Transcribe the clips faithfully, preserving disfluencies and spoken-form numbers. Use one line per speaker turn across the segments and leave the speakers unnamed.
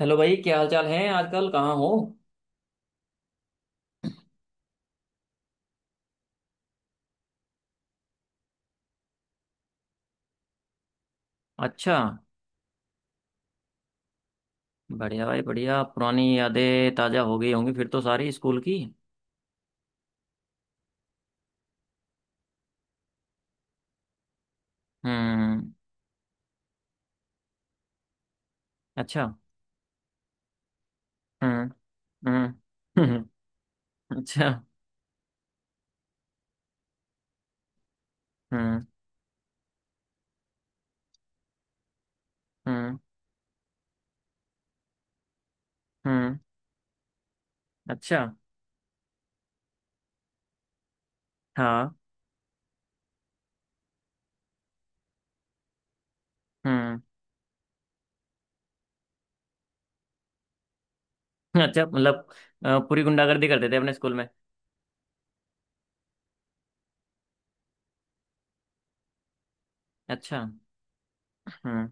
Hello भाई। क्या हाल चाल है? आजकल कहाँ हो? अच्छा। बढ़िया भाई बढ़िया। पुरानी यादें ताजा हो गई होंगी फिर तो सारी स्कूल की। हम्म। अच्छा। हम्म। हम्म। हम्म। अच्छा। हम्म। हम्म। हम्म। अच्छा। हाँ। हम्म। अच्छा मतलब। अ, पूरी गुंडागर्दी करते थे अपने स्कूल में। अच्छा। हम्म।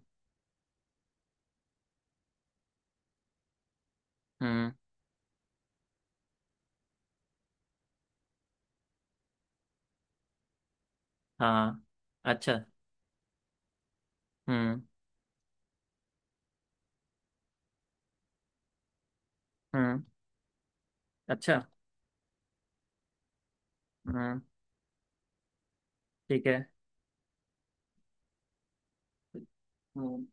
हम्म। हाँ। अच्छा। हम्म। हम्म। अच्छा। हम्म। ठीक है। हम्म।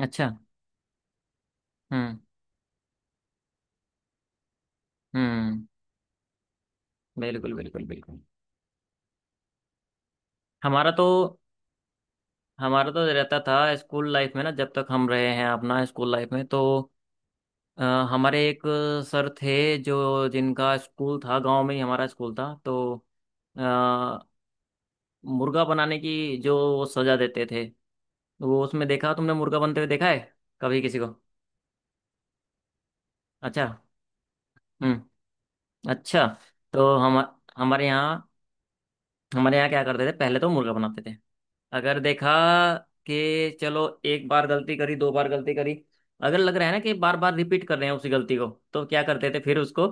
अच्छा। हम्म। हम्म। बिल्कुल बिल्कुल बिल्कुल। हमारा तो हमारा तो रहता था स्कूल लाइफ में ना, जब तक हम रहे हैं अपना स्कूल लाइफ में, तो अ, हमारे एक सर थे, जो जिनका स्कूल था, गांव में ही हमारा स्कूल था। तो अ, मुर्गा बनाने की जो वो सजा देते थे, वो उसमें देखा, तुमने मुर्गा बनते हुए देखा है कभी किसी को? अच्छा। हम्म। अच्छा। तो हम हमारे यहाँ हमारे यहाँ क्या करते थे, पहले तो मुर्गा बनाते थे। अगर देखा कि चलो एक बार गलती करी, दो बार गलती करी, अगर लग रहा है ना कि बार बार रिपीट कर रहे हैं उसी गलती को, तो क्या करते थे फिर उसको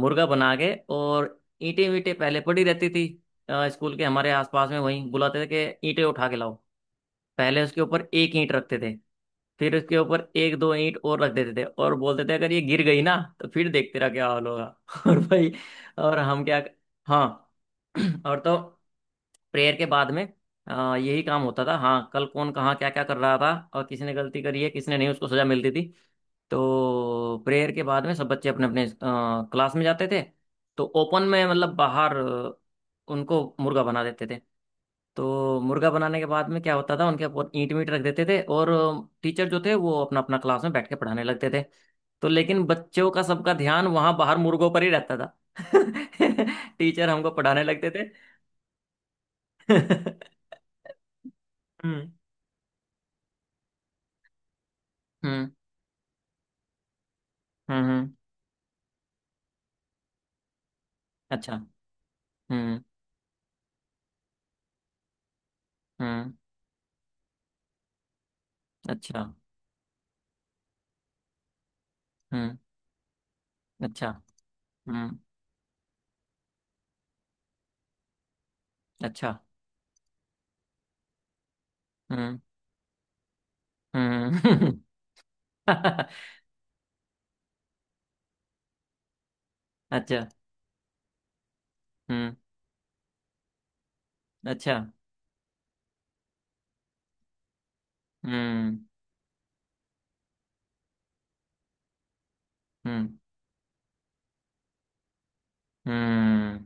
मुर्गा बना के। और ईंटें वींटें पहले पड़ी रहती थी अ, स्कूल के हमारे आसपास में, वहीं बुलाते थे कि ईंटें उठा के लाओ। पहले उसके ऊपर एक ईंट रखते थे, फिर उसके ऊपर एक दो ईंट और रख देते थे और बोलते थे अगर ये गिर गई ना, तो फिर देखते रह क्या हाल होगा। और भाई, और हम क्या। हाँ। और तो प्रेयर के बाद में अ, यही काम होता था। हाँ, कल कौन कहाँ क्या क्या कर रहा था और किसने गलती करी है किसने नहीं, उसको सजा मिलती थी। तो प्रेयर के बाद में सब बच्चे अपने अपने क्लास में जाते थे। तो ओपन में मतलब बाहर अ, उनको मुर्गा बना देते थे। तो मुर्गा बनाने के बाद में क्या होता था, उनके ऊपर ईंट मीट रख देते थे और टीचर जो थे वो अपना अपना क्लास में बैठ के पढ़ाने लगते थे। तो लेकिन बच्चों का सबका ध्यान वहां बाहर मुर्गों पर ही रहता था। टीचर हमको पढ़ाने लगते थे। हम्म। हम्म। हम्म। अच्छा। हम्म। हम्म। अच्छा। हम्म। अच्छा। हम्म। अच्छा। हम्म। हम्म। अच्छा। हम्म। अच्छा। हम्म। हम्म। हम्म।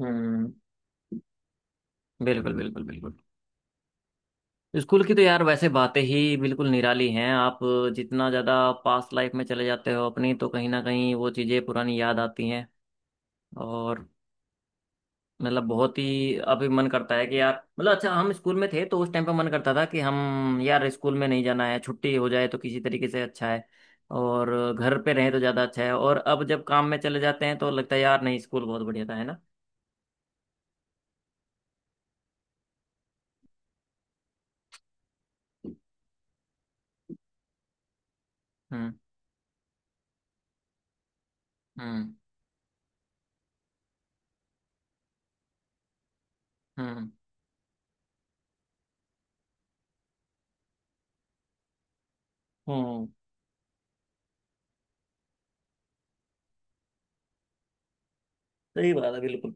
हम्म। बिल्कुल बिल्कुल बिल्कुल। स्कूल की तो यार वैसे बातें ही बिल्कुल निराली हैं। आप जितना ज़्यादा पास्ट लाइफ में चले जाते हो अपनी, तो कहीं ना कहीं वो चीज़ें पुरानी याद आती हैं। और मतलब बहुत ही अभी मन करता है कि यार मतलब, अच्छा हम स्कूल में थे तो उस टाइम पे मन करता था कि हम यार स्कूल में नहीं जाना है, छुट्टी हो जाए तो किसी तरीके से अच्छा है। और घर पे रहें तो ज़्यादा अच्छा है। और अब जब काम में चले जाते हैं तो लगता है यार नहीं, स्कूल बहुत बढ़िया था, है ना। हम्म। हम्म। हम्म। हम्म। सही बात है बिल्कुल।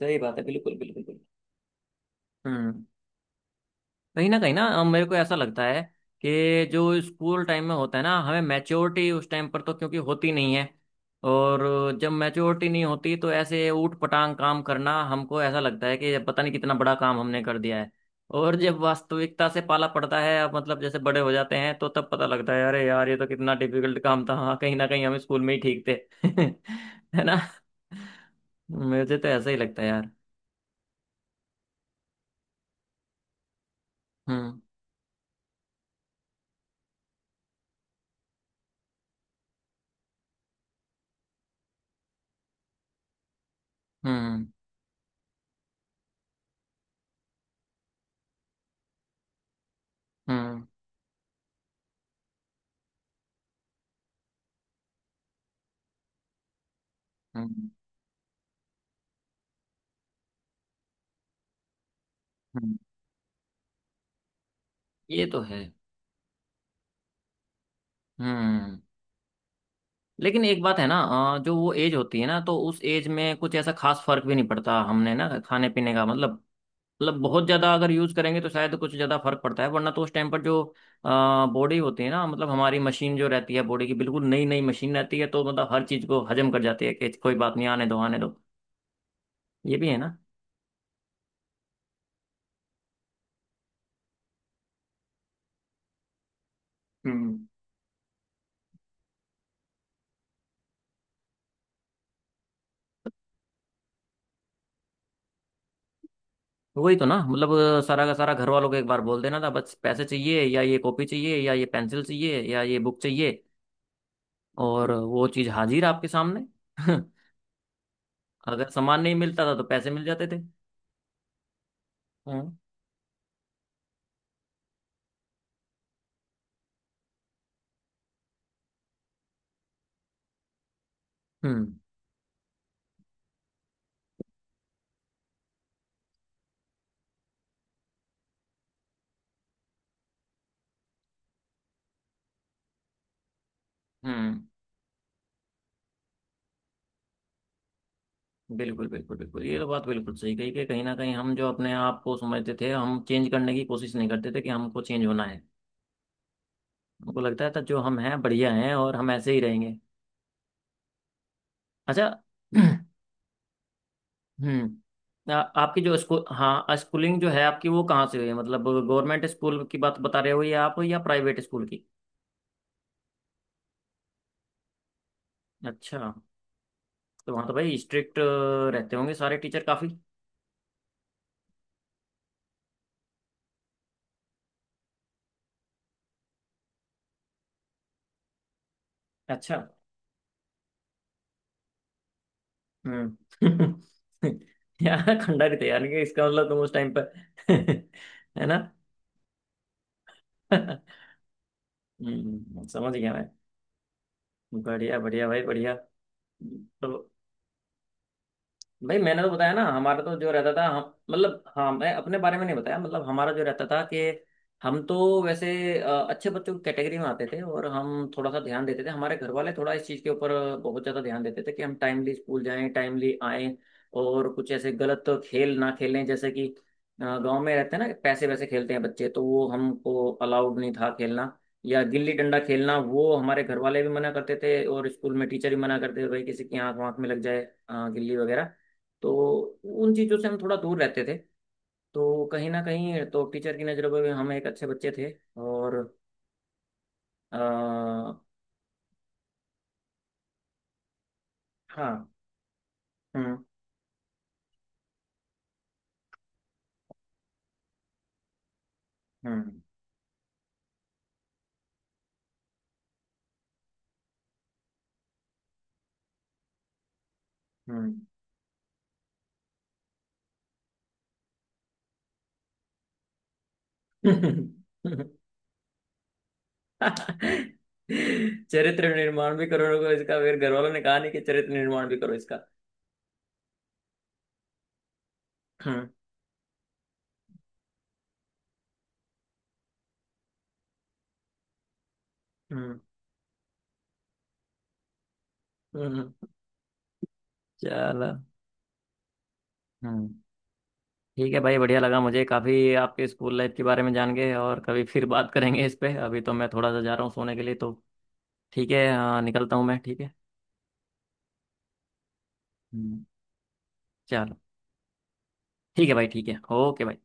सही बात है बिल्कुल बिल्कुल बिल्कुल। हम्म। कहीं ना कहीं ना अ, मेरे को ऐसा लगता है कि जो स्कूल टाइम में होता है ना, हमें मैच्योरिटी उस टाइम पर तो क्योंकि होती नहीं है। और जब मैच्योरिटी नहीं होती तो ऐसे ऊट पटांग काम करना हमको ऐसा लगता है कि पता नहीं कितना बड़ा काम हमने कर दिया है। और जब वास्तविकता से पाला पड़ता है, अब मतलब जैसे बड़े हो जाते हैं, तो तब पता लगता है अरे यार ये तो कितना डिफिकल्ट काम था। हाँ, कहीं ना कहीं हम स्कूल में ही ठीक थे। है ना। मुझे तो ऐसा ही लगता है यार। हम्म। हम्म। हम्म। हम्म। हम्म। ये तो है। हम्म। लेकिन एक बात है ना, अ, जो वो एज होती है ना तो उस एज में कुछ ऐसा खास फर्क भी नहीं पड़ता हमने ना खाने पीने का मतलब मतलब बहुत ज्यादा अगर यूज करेंगे तो शायद कुछ ज्यादा फर्क पड़ता है, वरना तो उस टाइम पर जो बॉडी होती है ना, मतलब हमारी मशीन जो रहती है बॉडी की, बिल्कुल नई नई मशीन रहती है तो मतलब हर चीज को हजम कर जाती है कि कोई बात नहीं, आने दो आने दो। ये भी है ना। हम्म। वही तो ना, मतलब अ, सारा का सारा घर वालों को एक बार बोल देना था, बस पैसे चाहिए या ये कॉपी चाहिए या ये पेंसिल चाहिए या ये बुक चाहिए, और वो चीज हाजिर आपके सामने। अगर सामान नहीं मिलता था तो पैसे मिल जाते थे। हम्म। हम्म। हम्म। बिल्कुल बिल्कुल बिल्कुल, ये तो बात बिल्कुल सही कही कि कहीं ना कहीं हम जो अपने आप को समझते थे, हम चेंज करने की कोशिश नहीं करते थे कि हमको चेंज होना है। हमको लगता था जो हम हैं बढ़िया हैं और हम ऐसे ही रहेंगे। अच्छा। हम्म। आ- आपकी जो स्कूल, हाँ, स्कूलिंग जो है आपकी वो कहाँ से हुई है? मतलब गवर्नमेंट स्कूल की बात बता रहे हो या आप या प्राइवेट स्कूल की? अच्छा। तो वहाँ तो भाई स्ट्रिक्ट रहते होंगे सारे टीचर काफी। अच्छा। हम्म। यार खंडा थे यार, कि इसका मतलब तुम उस टाइम पर। है ना। हम्म, समझ गया मैं। बढ़िया बढ़िया भाई बढ़िया। तो भाई मैंने तो बताया ना हमारा तो जो रहता था हम, मतलब हाँ, मैं अपने बारे में नहीं बताया। मतलब हमारा जो रहता था कि हम तो वैसे अ, अच्छे बच्चों की कैटेगरी में आते थे, और हम थोड़ा सा ध्यान देते थे, हमारे घर वाले थोड़ा इस चीज़ के ऊपर बहुत ज़्यादा ध्यान देते थे कि हम टाइमली स्कूल जाएं टाइमली आएं, और कुछ ऐसे गलत खेल ना खेलें, जैसे कि गांव में रहते हैं ना, पैसे वैसे खेलते हैं बच्चे, तो वो हमको अलाउड नहीं था खेलना। या गिल्ली डंडा खेलना वो हमारे घर वाले भी मना करते थे और स्कूल में टीचर भी मना करते थे, भाई किसी की आंख वाँख में लग जाए अ, गिल्ली वगैरह। तो उन चीज़ों से हम थोड़ा दूर रहते थे। तो कहीं ना कहीं तो टीचर की नज़रों में भी हम एक अच्छे बच्चे थे। और आ, हाँ। हम्म। हम्म। हम्म। चरित्र निर्माण भी करो लोगों, इसका फिर घर वालों ने कहा नहीं कि चरित्र निर्माण भी करो इसका। हम्म। हम्म। हम्म। चलो। हम्म। ठीक है भाई, बढ़िया लगा मुझे काफ़ी आपके स्कूल लाइफ के बारे में जान के, और कभी फिर बात करेंगे इस पे। अभी तो मैं थोड़ा सा जा रहा हूँ सोने के लिए तो ठीक है हाँ, निकलता हूँ मैं, ठीक है। हम्म। चलो ठीक है भाई, ठीक है, ओके भाई।